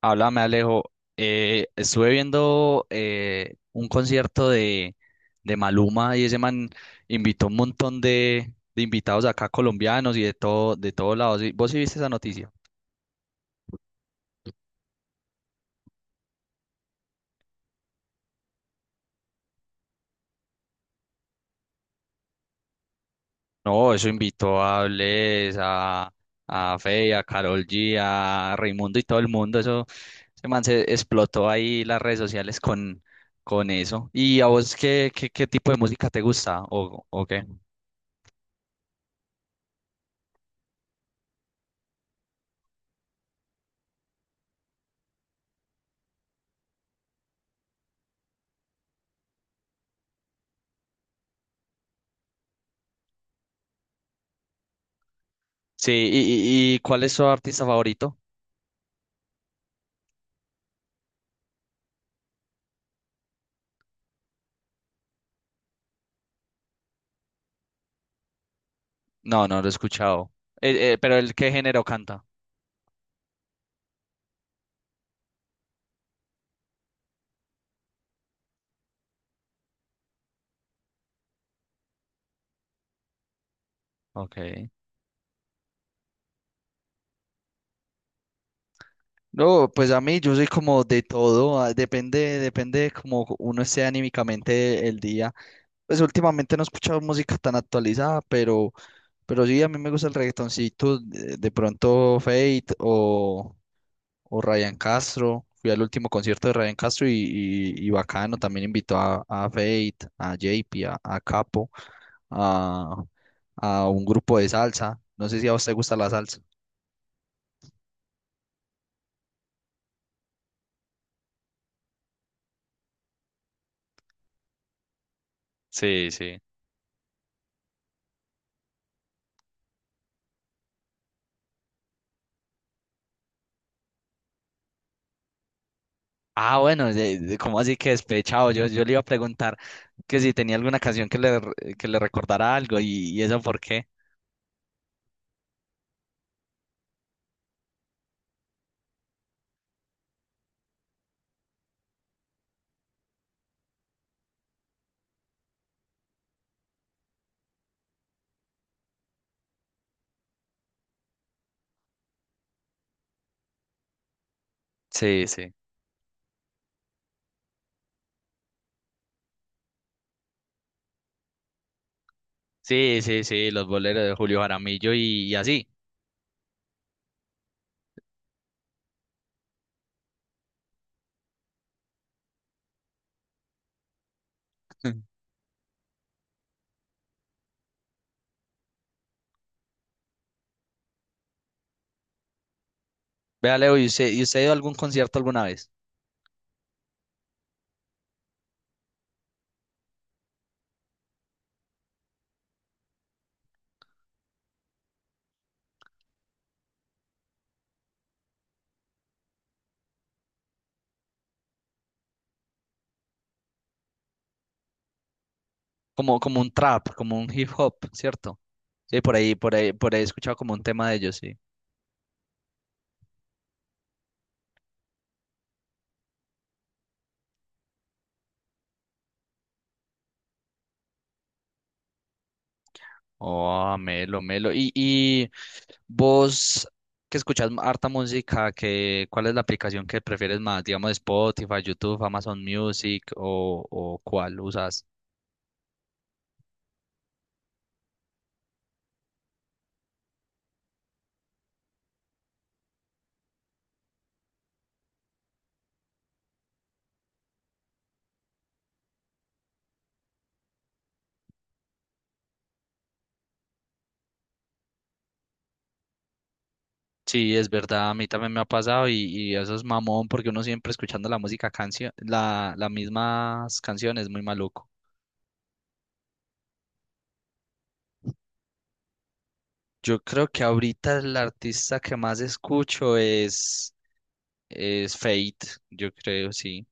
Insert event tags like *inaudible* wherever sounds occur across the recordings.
Háblame, Alejo. Estuve viendo un concierto de Maluma, y ese man invitó un montón de invitados acá colombianos y de todo, de todos lados. ¿Vos sí viste esa noticia? No, eso invitó a Bless, a Feid, a Karol G, a Raimundo y todo el mundo. Ese man se explotó ahí las redes sociales con eso. ¿Y a vos qué tipo de música te gusta o qué? Sí, y ¿cuál es tu artista favorito? No, no lo he escuchado. Pero el qué género canta. Ok. No, pues a mí yo soy como de todo. Ah, depende, depende de cómo uno esté anímicamente el día. Pues últimamente no he escuchado música tan actualizada, pero sí, a mí me gusta el reggaetoncito, de pronto Fate o Ryan Castro. Fui al último concierto de Ryan Castro y, y bacano, también invitó a Fate, a JP, a Capo, a, a un grupo de salsa. No sé si a usted gusta la salsa. Sí, sí. Ah, bueno, ¿cómo así que despechado? Yo le iba a preguntar que si tenía alguna canción que que le recordara algo y eso por qué. Sí, sí. Sí, sí, sí, los boleros de Julio Jaramillo y así. *laughs* Vea, Leo, ¿y usted ha ido a algún concierto alguna vez? Como, como un trap, como un hip hop, ¿cierto? Sí, por ahí, por ahí, por ahí he escuchado como un tema de ellos, sí. Oh, melo, melo. Y vos que escuchas harta música, que, ¿cuál es la aplicación que prefieres más? Digamos Spotify, YouTube, Amazon Music o, ¿o cuál usas? Sí, es verdad, a mí también me ha pasado y eso es mamón porque uno siempre escuchando la música canción, la, las mismas canciones, muy maluco. Yo creo que ahorita el artista que más escucho es Fate, yo creo, sí.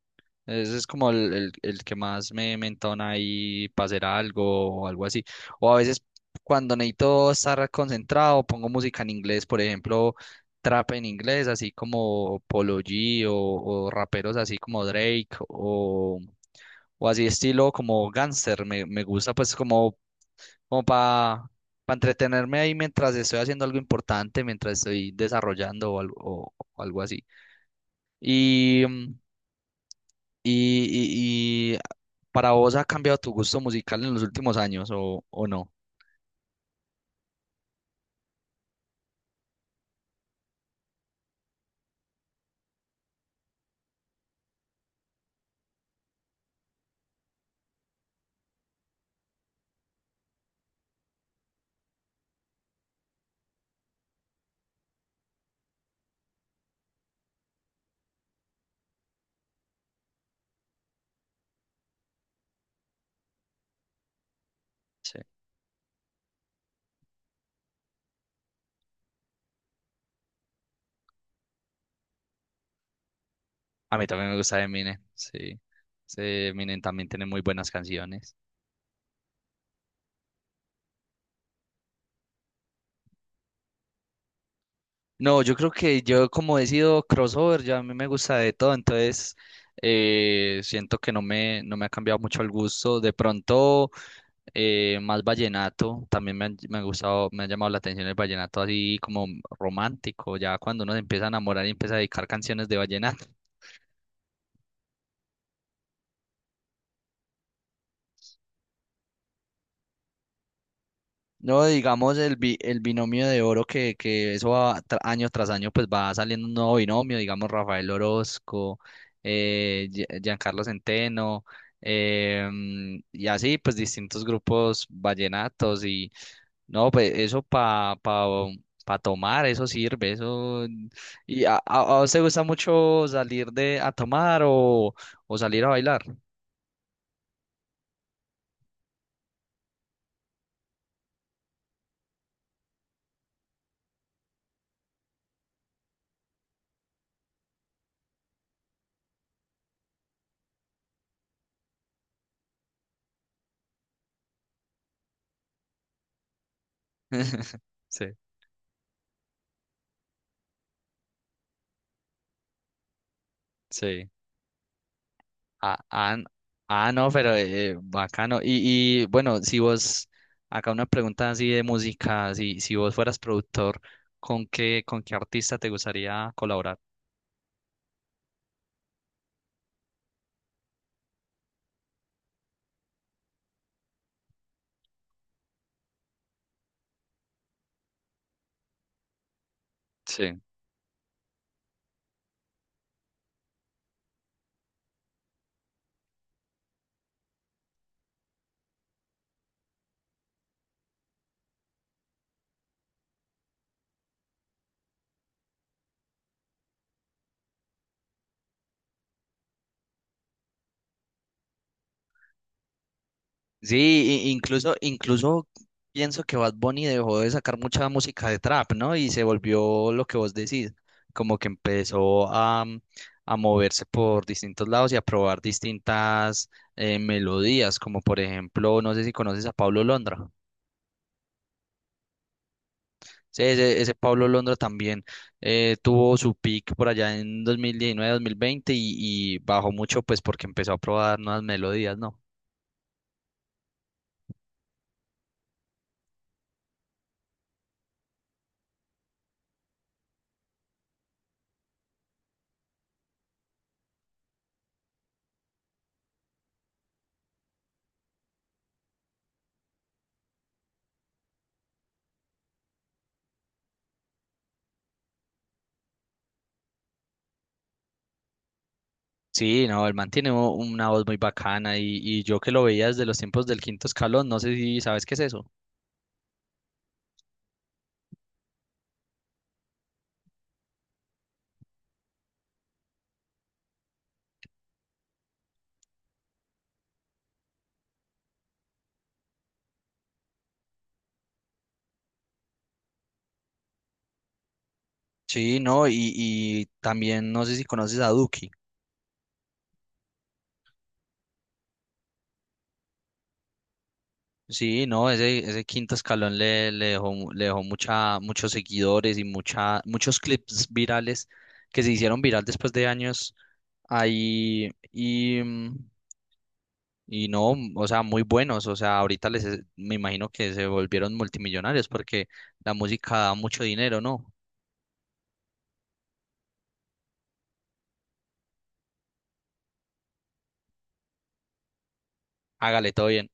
Ese es como el que más me entona ahí para hacer algo o algo así. O a veces cuando necesito estar concentrado, pongo música en inglés, por ejemplo, trap en inglés, así como Polo G o raperos así como Drake o así estilo como Gangster. Me gusta pues como, como para entretenerme ahí mientras estoy haciendo algo importante, mientras estoy desarrollando o algo, o algo así. Y, mm, y para vos ¿ha cambiado tu gusto musical en los últimos años o no? Sí. A mí también me gusta Eminem, sí. Sí, Eminem también tiene muy buenas canciones. No, yo creo que yo como he sido crossover, ya a mí me gusta de todo, entonces siento que no no me ha cambiado mucho el gusto. De pronto más vallenato, también me ha gustado, me ha llamado la atención el vallenato así como romántico, ya cuando uno se empieza a enamorar y empieza a dedicar canciones de vallenato. *laughs* No, digamos el binomio de oro, que eso va año tras año pues va saliendo un nuevo binomio, digamos Rafael Orozco, Giancarlo Centeno, y así pues distintos grupos vallenatos y no, pues eso para pa, pa pa tomar, eso sirve, eso... ¿Y a usted gusta mucho salir de a tomar o salir a bailar? Sí. Sí. Ah, ah, n- no, pero bacano. Y bueno, si vos, acá una pregunta así de música, si, si vos fueras productor, con qué artista te gustaría colaborar? Sí. Sí, incluso, incluso pienso que Bad Bunny dejó de sacar mucha música de trap, ¿no? Y se volvió lo que vos decís, como que empezó a, mm, a moverse por distintos lados y a probar distintas melodías, como por ejemplo, no sé si conoces a Pablo Londra. Sí, ese Pablo Londra también tuvo su peak por allá en 2019, 2020 y bajó mucho pues porque empezó a probar nuevas melodías, ¿no? Sí, no, el man tiene una voz muy bacana y yo que lo veía desde los tiempos del Quinto Escalón, no sé si sabes qué es eso. Sí, no, y también no sé si conoces a Duki. Sí, no, ese Quinto Escalón le dejó, le dejó mucha, muchos seguidores y mucha, muchos clips virales que se hicieron viral después de años ahí y no, mm, o sea, muy buenos, o sea, ahorita me imagino que se volvieron multimillonarios porque la música da mucho dinero, ¿no? Hágale, todo bien.